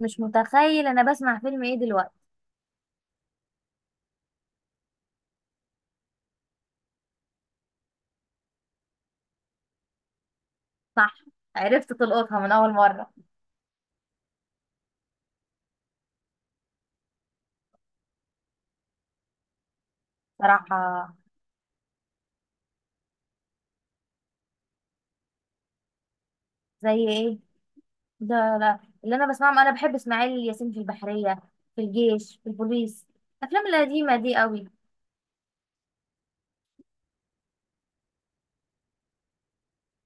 مش متخيل انا بسمع فيلم ايه دلوقتي. صح. عرفت تلقطها من اول مره. صراحه. زي ايه؟ ده لا، اللي انا بسمعهم انا بحب اسماعيل ياسين في البحريه، في الجيش، في البوليس. الافلام القديمه دي قوي.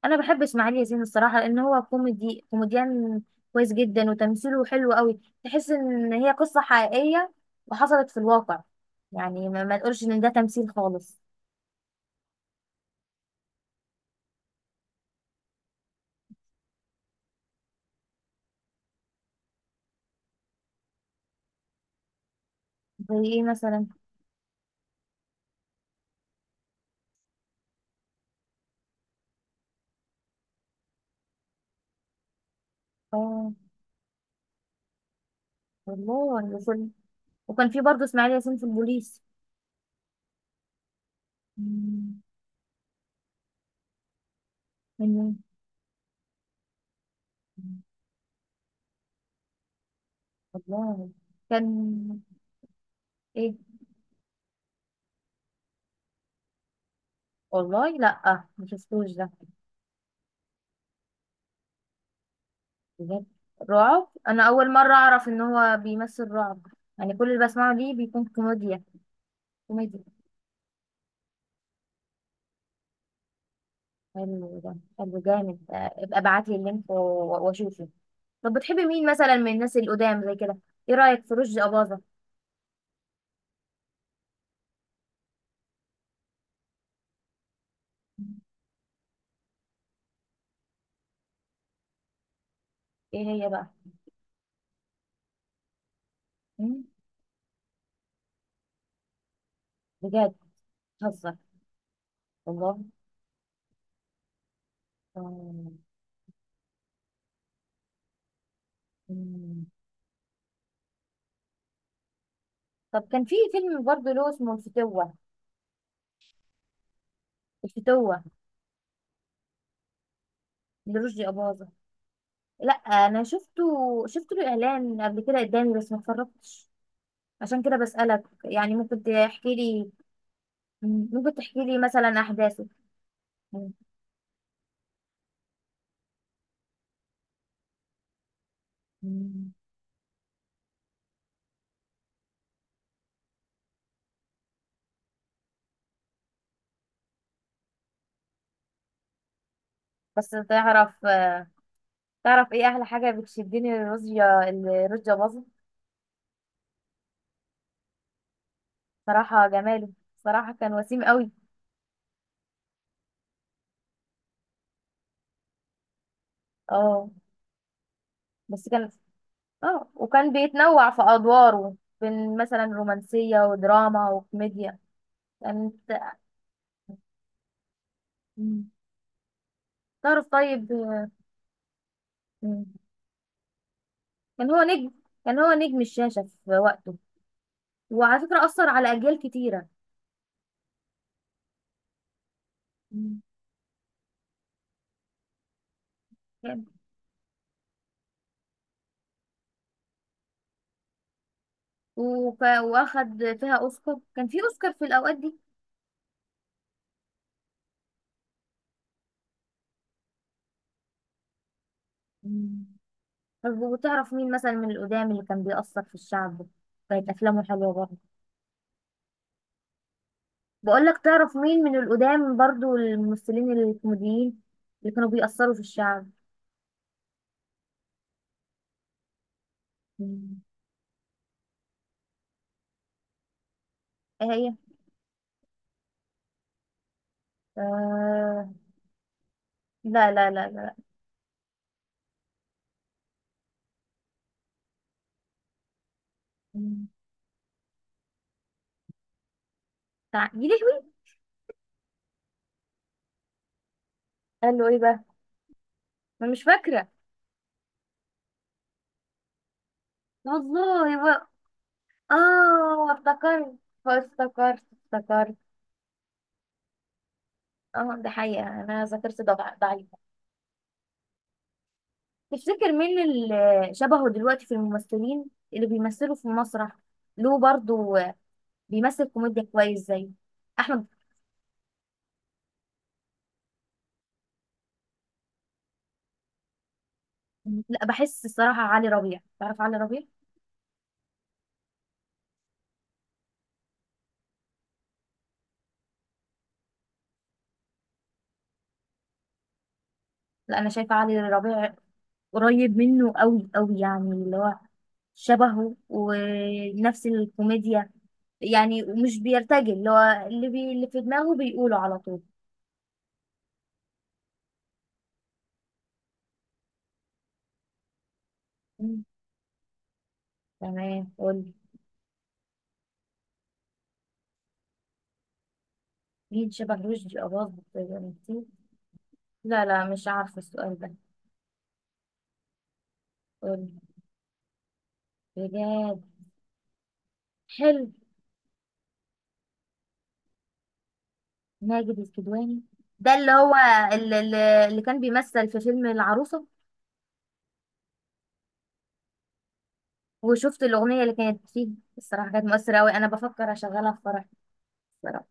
انا بحب اسماعيل ياسين الصراحه لان هو كوميدي كوميديان كويس جدا، وتمثيله حلو قوي. تحس ان هي قصه حقيقيه وحصلت في الواقع. يعني ما تقولش ان ده تمثيل خالص. زي ايه مثلا؟ اه، والله ولا فيلم. وكان في برضه اسماعيل ياسين في البوليس. مم. من مين؟ والله. كان. ايه؟ والله لا مش شفتوش ده. بجد؟ رعب؟ انا اول مره اعرف ان هو بيمثل رعب. يعني كل اللي بسمعه ليه بيكون كوميديا كوميديا. حلو، ده حلو جامد. ابقى ابعت لي اللينك و- و- واشوفه. طب بتحبي مين مثلا من الناس القدام زي كده؟ ايه رايك في رشدي اباظه؟ ايه هي بقى؟ مم؟ بجد؟ بتهزر؟ والله. آه، مم. طب كان في فيلم برضه له اسمه الفتوه. الفتوه. لرشدي أباظة. لا، انا شفته. شفت له اعلان قبل كده قدامي بس ما اتفرجتش. عشان كده بسألك، يعني ممكن تحكي لي؟ ممكن تحكي لي مثلا احداثه؟ مم. بس تعرف، تعرف ايه احلى حاجة بتشدني لرشدي، لرشدي أباظة؟ صراحة جماله. صراحة كان وسيم قوي. اه. بس كان. اه، وكان بيتنوع في ادواره بين مثلا رومانسية ودراما وكوميديا. كانت. مم. تعرف طيب. مم. كان هو نجم. كان هو نجم الشاشة في وقته، وعلى فكرة أثر على أجيال كتيرة. مم. يعني وأخد فيها أوسكار. كان في أوسكار في الأوقات دي؟ مم. طب وتعرف مين مثلا من القدام اللي كان بيأثر في الشعب؟ كانت أفلامه حلوة برضه. بقول لك، تعرف مين من القدام برضه الممثلين الكوميديين اللي كانوا بيأثروا في الشعب؟ مم. إيه هي؟ آه... لا لا لا لا. مم. يا لهوي. قال له إيه بقى؟ أنا مش فاكرة. والله. اه، افتكرت، افتكرت، افتكرت. اه، ده حقيقة، انا ذاكرتي ضعيفة. تفتكر مين اللي شبهه دلوقتي في الممثلين اللي بيمثلوا في المسرح له برضو، بيمثل كوميديا كويس زي احمد؟ لا، بحس الصراحة علي ربيع. تعرف علي ربيع؟ لا انا شايفة علي ربيع قريب منه قوي قوي، يعني اللي هو شبهه ونفس الكوميديا يعني. ومش بيرتجل. اللي هو اللي في دماغه بيقوله على طول. تمام، قولي. مين شبه رشدي أباظة بنتي؟ لا لا، مش عارفة السؤال ده. قولي. بجد؟ حلو. ماجد الكدواني؟ ده اللي هو اللي كان بيمثل في فيلم العروسة. وشفت الأغنية اللي كانت فيه؟ الصراحة كانت مؤثرة أوي. أنا بفكر أشغلها في فرح الصراحة.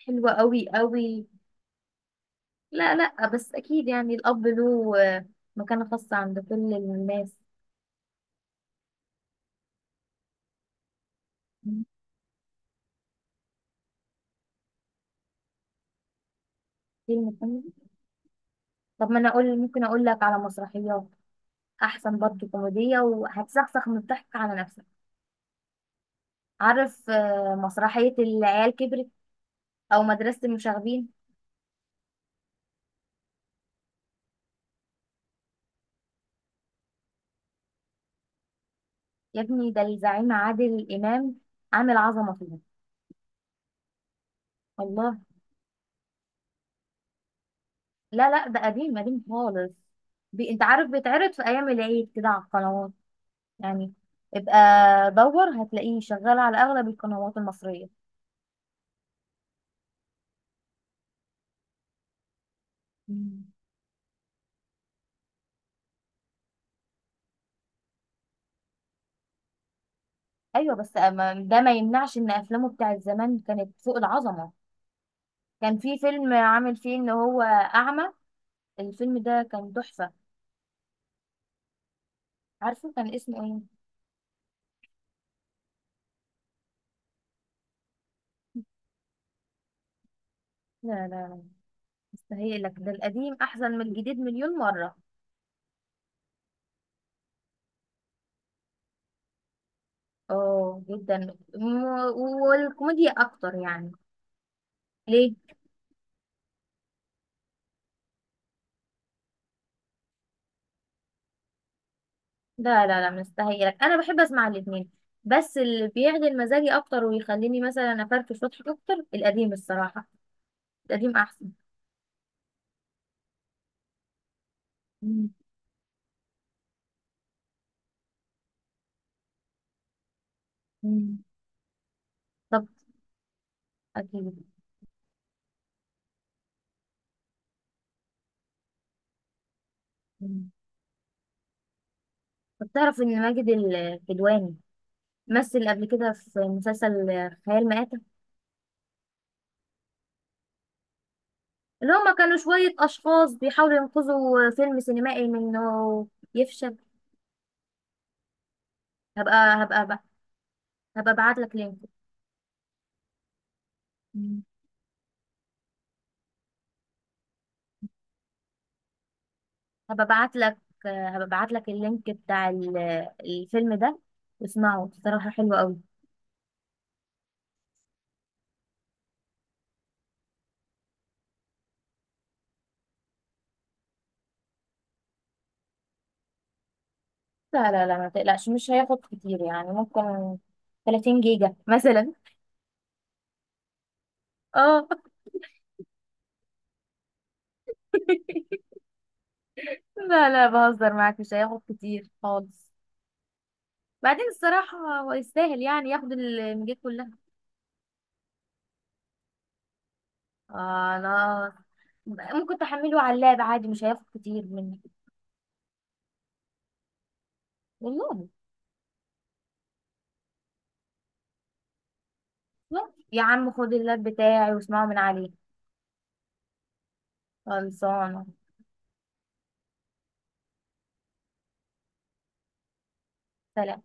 حلوة أوي أوي. لا لا، بس أكيد يعني الأب له مكانة خاصة عند كل الناس. فيلم كوميدي؟ طب ما أنا أقول، ممكن أقول لك على مسرحيات؟ احسن برضه كوميديه، وهتسخسخ من الضحك على نفسك. عارف مسرحيه العيال كبرت؟ او مدرسه المشاغبين؟ يا ابني ده الزعيم عادل امام عامل عظمه فيها. الله. لا لا، ده قديم قديم خالص. انت عارف بيتعرض في ايام العيد كده على القنوات يعني. ابقى دور، هتلاقيه شغال على اغلب القنوات المصريه. مم. ايوه، بس أما ده ما يمنعش ان افلامه بتاعت زمان كانت فوق العظمه. كان في فيلم عامل فيه ان هو اعمى. الفيلم ده كان تحفة. عارفة كان اسمه ايه؟ لا لا لا، مستهيئلك ده القديم أحسن من الجديد مليون مرة. اه جدا والكوميديا أكتر يعني. ليه؟ لا لا لا، مستهيئلك أنا بحب أسمع الاتنين. بس اللي بيعدل مزاجي أكتر ويخليني مثلا أفرفش وأضحك أكتر القديم الصراحة. القديم أحسن. مم. مم. طب أكيد. مم. طب تعرف إن ماجد الكدواني مثل قبل كده في مسلسل خيال مآت؟ اللي هما كانوا شوية أشخاص بيحاولوا ينقذوا فيلم سينمائي من إنه يفشل. هبقى هبقى هبقى, هبقى أبعت لك لينك. مم. هبقى أبعت لك هبقى أبعت لك اللينك بتاع الفيلم ده. واسمعه، صراحة حلو قوي. لا لا لا، ما تقلقش مش هياخد كتير. يعني ممكن 30 جيجا مثلا. اه. لا لا، بهزر معاك، مش هياخد كتير خالص. بعدين الصراحة هو يستاهل يعني ياخد الميجات كلها. خلاص. ممكن تحمله على اللاب عادي، مش هياخد كتير مني. والله. بس يا عم خد اللاب بتاعي واسمعه من عليه. خلصانة. سلام.